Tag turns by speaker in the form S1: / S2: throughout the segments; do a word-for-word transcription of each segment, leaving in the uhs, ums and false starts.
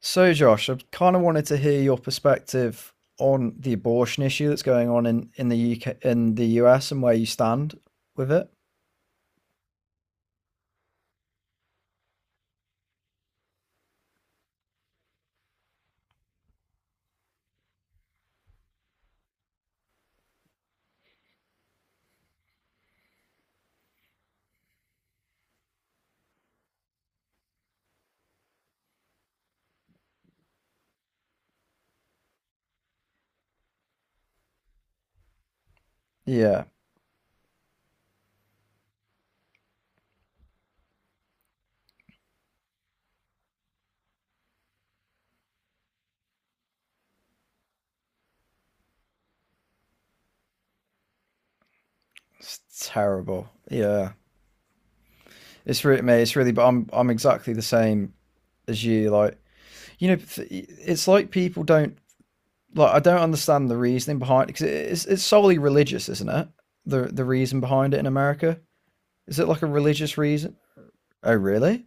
S1: So, Josh, I kind of wanted to hear your perspective on the abortion issue that's going on in, in the U K, in the U S, and where you stand with it. Yeah, it's terrible. Yeah, it's really me. It's really, but I'm I'm exactly the same as you. Like, you know, it's like people don't like. I don't understand the reasoning behind it, because it's it's solely religious, isn't it? The the reason behind it in America, is it like a religious reason? Oh, really?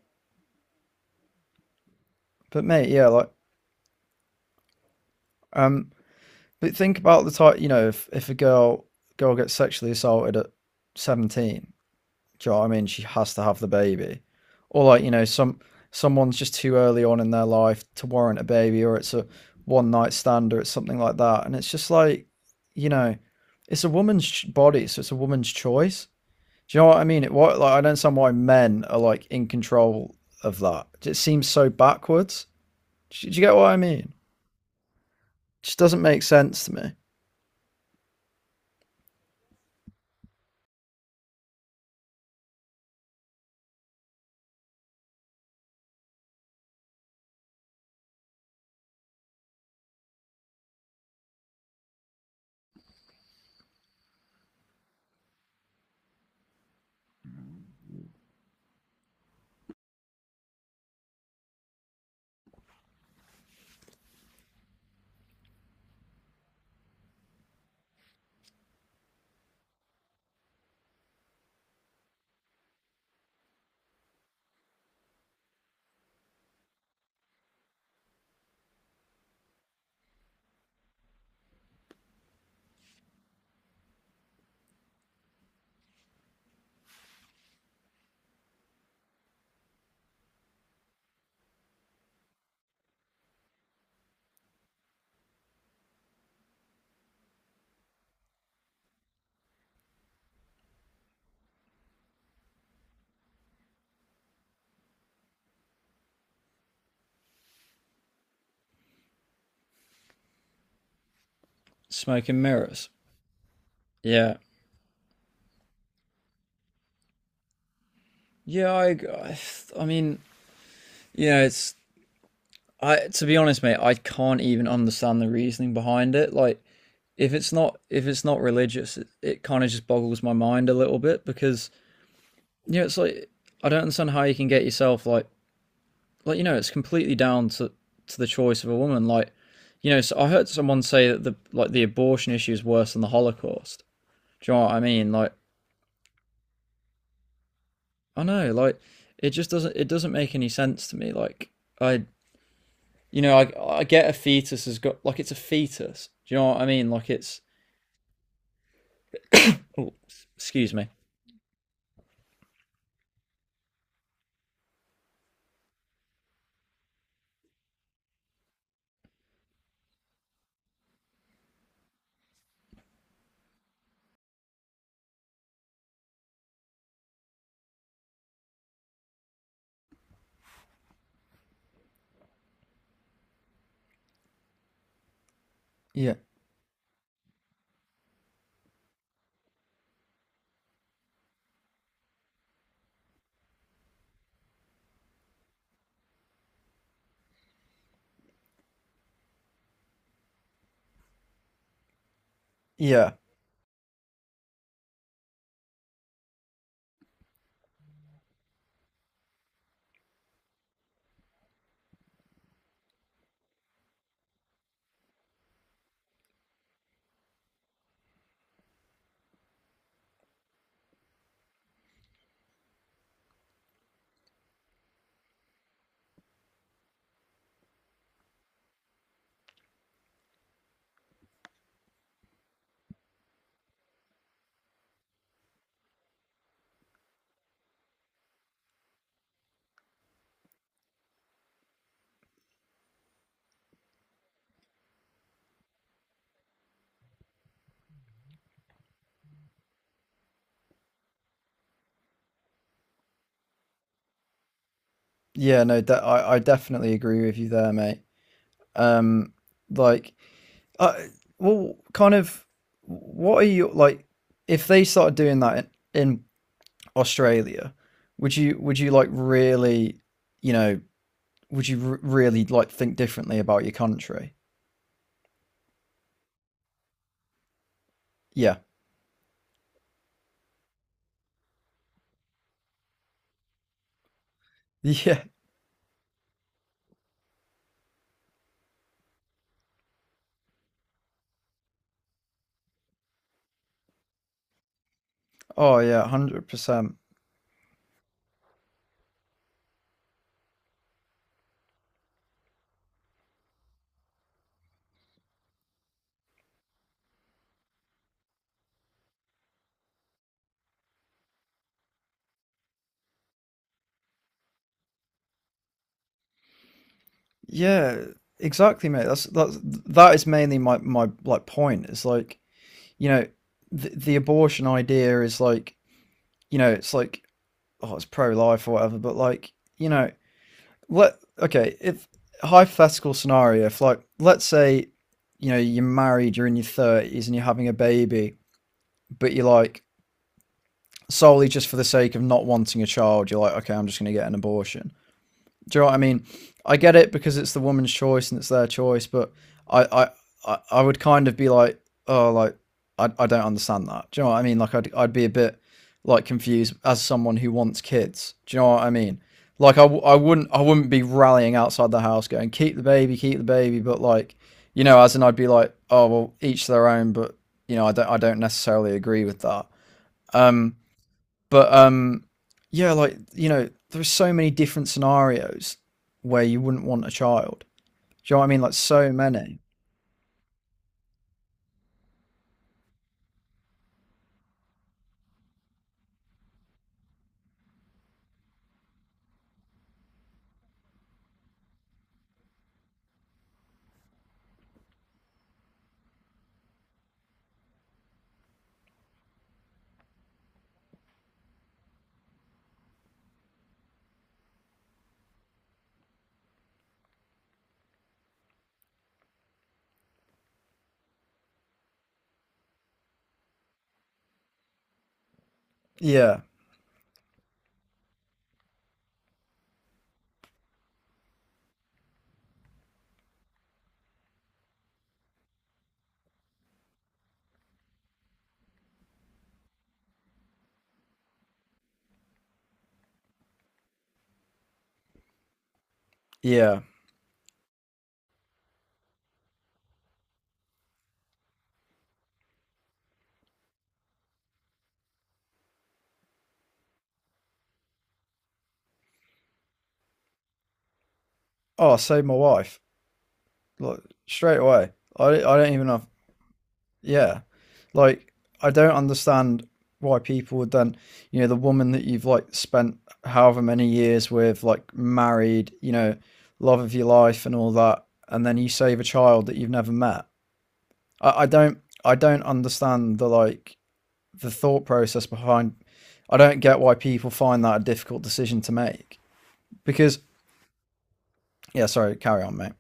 S1: But mate, yeah, like um but think about the type, you know, if, if a girl girl gets sexually assaulted at seventeen, do you know what I mean? She has to have the baby. Or like, you know, some someone's just too early on in their life to warrant a baby, or it's a one night stand, or it's something like that. And it's just like, you know, it's a woman's body, so it's a woman's choice. Do you know what I mean? It what like I don't understand why men are like in control of that. It seems so backwards. Do you do you get what I mean? It just doesn't make sense to me. Smoke and mirrors. Yeah. Yeah, I, I I mean, you know, it's I to be honest, mate, I can't even understand the reasoning behind it. Like if it's not if it's not religious, it, it kind of just boggles my mind a little bit because you know, it's like I don't understand how you can get yourself like like you know, it's completely down to to the choice of a woman, like you know, so I heard someone say that the like the abortion issue is worse than the Holocaust. Do you know what I mean? Like, I know, like it just doesn't it doesn't make any sense to me. Like, I you know, I I get a fetus has got like it's a fetus. Do you know what I mean? Like it's oh, excuse me. Yeah, yeah, yeah. No, de- I I definitely agree with you there, mate. Um, like, uh, well, kind of. What are you like? If they started doing that in, in Australia, would you would you like really, you know, would you r- really like think differently about your country? Yeah, yeah. Oh yeah, one hundred percent. Yeah, exactly, mate. That's that's that is mainly my my like point. It's like you know the, the abortion idea is like you know it's like oh it's pro life or whatever, but like you know let okay if hypothetical scenario if like let's say you know you're married, you're in your thirties and you're having a baby, but you're like solely just for the sake of not wanting a child, you're like okay I'm just gonna get an abortion. Do you know what I mean? I get it because it's the woman's choice and it's their choice, but I, I, I, I would kind of be like, oh, like I, I don't understand that. Do you know what I mean? Like I'd, I'd be a bit like confused as someone who wants kids. Do you know what I mean? Like I, I would not I, w- I wouldn't, I wouldn't be rallying outside the house going, keep the baby, keep the baby. But like, you know, as in I'd be like, oh, well, each their own. But you know, I don't, I don't necessarily agree with that. Um, but um, yeah, like you know, there's so many different scenarios where you wouldn't want a child. Do you know what I mean? Like so many. Yeah, yeah. Oh, I saved my wife like straight away. I I don't even have. Yeah, like I don't understand why people would then, you know, the woman that you've like spent however many years with, like married, you know, love of your life and all that, and then you save a child that you've never met. I, I don't i don't understand the like the thought process behind. I don't get why people find that a difficult decision to make because yeah, sorry, carry on, mate.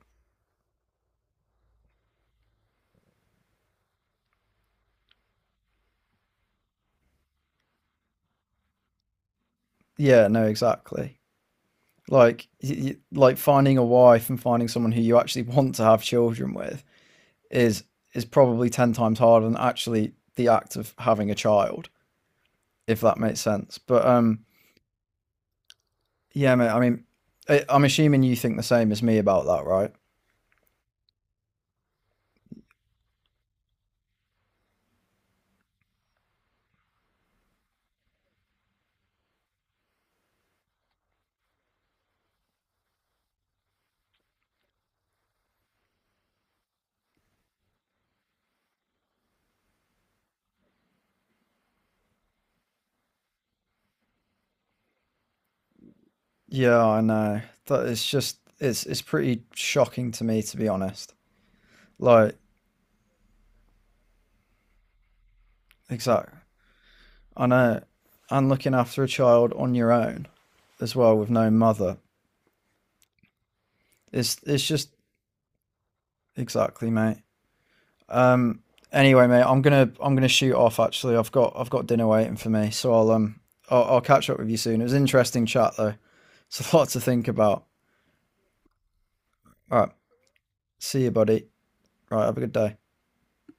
S1: Yeah, no, exactly. Like y- like finding a wife and finding someone who you actually want to have children with is is probably ten times harder than actually the act of having a child, if that makes sense. But um, yeah, mate. I mean, I, I'm assuming you think the same as me about that, right? Yeah, I know. That it's just it's it's pretty shocking to me to be honest. Like exactly. I know. And looking after a child on your own as well with no mother. It's it's just exactly, mate. Um anyway, mate, I'm gonna I'm gonna shoot off actually. I've got I've got dinner waiting for me, so I'll um I'll, I'll catch up with you soon. It was an interesting chat though. It's a lot to think about. All right. See you, buddy. All right, have a good day.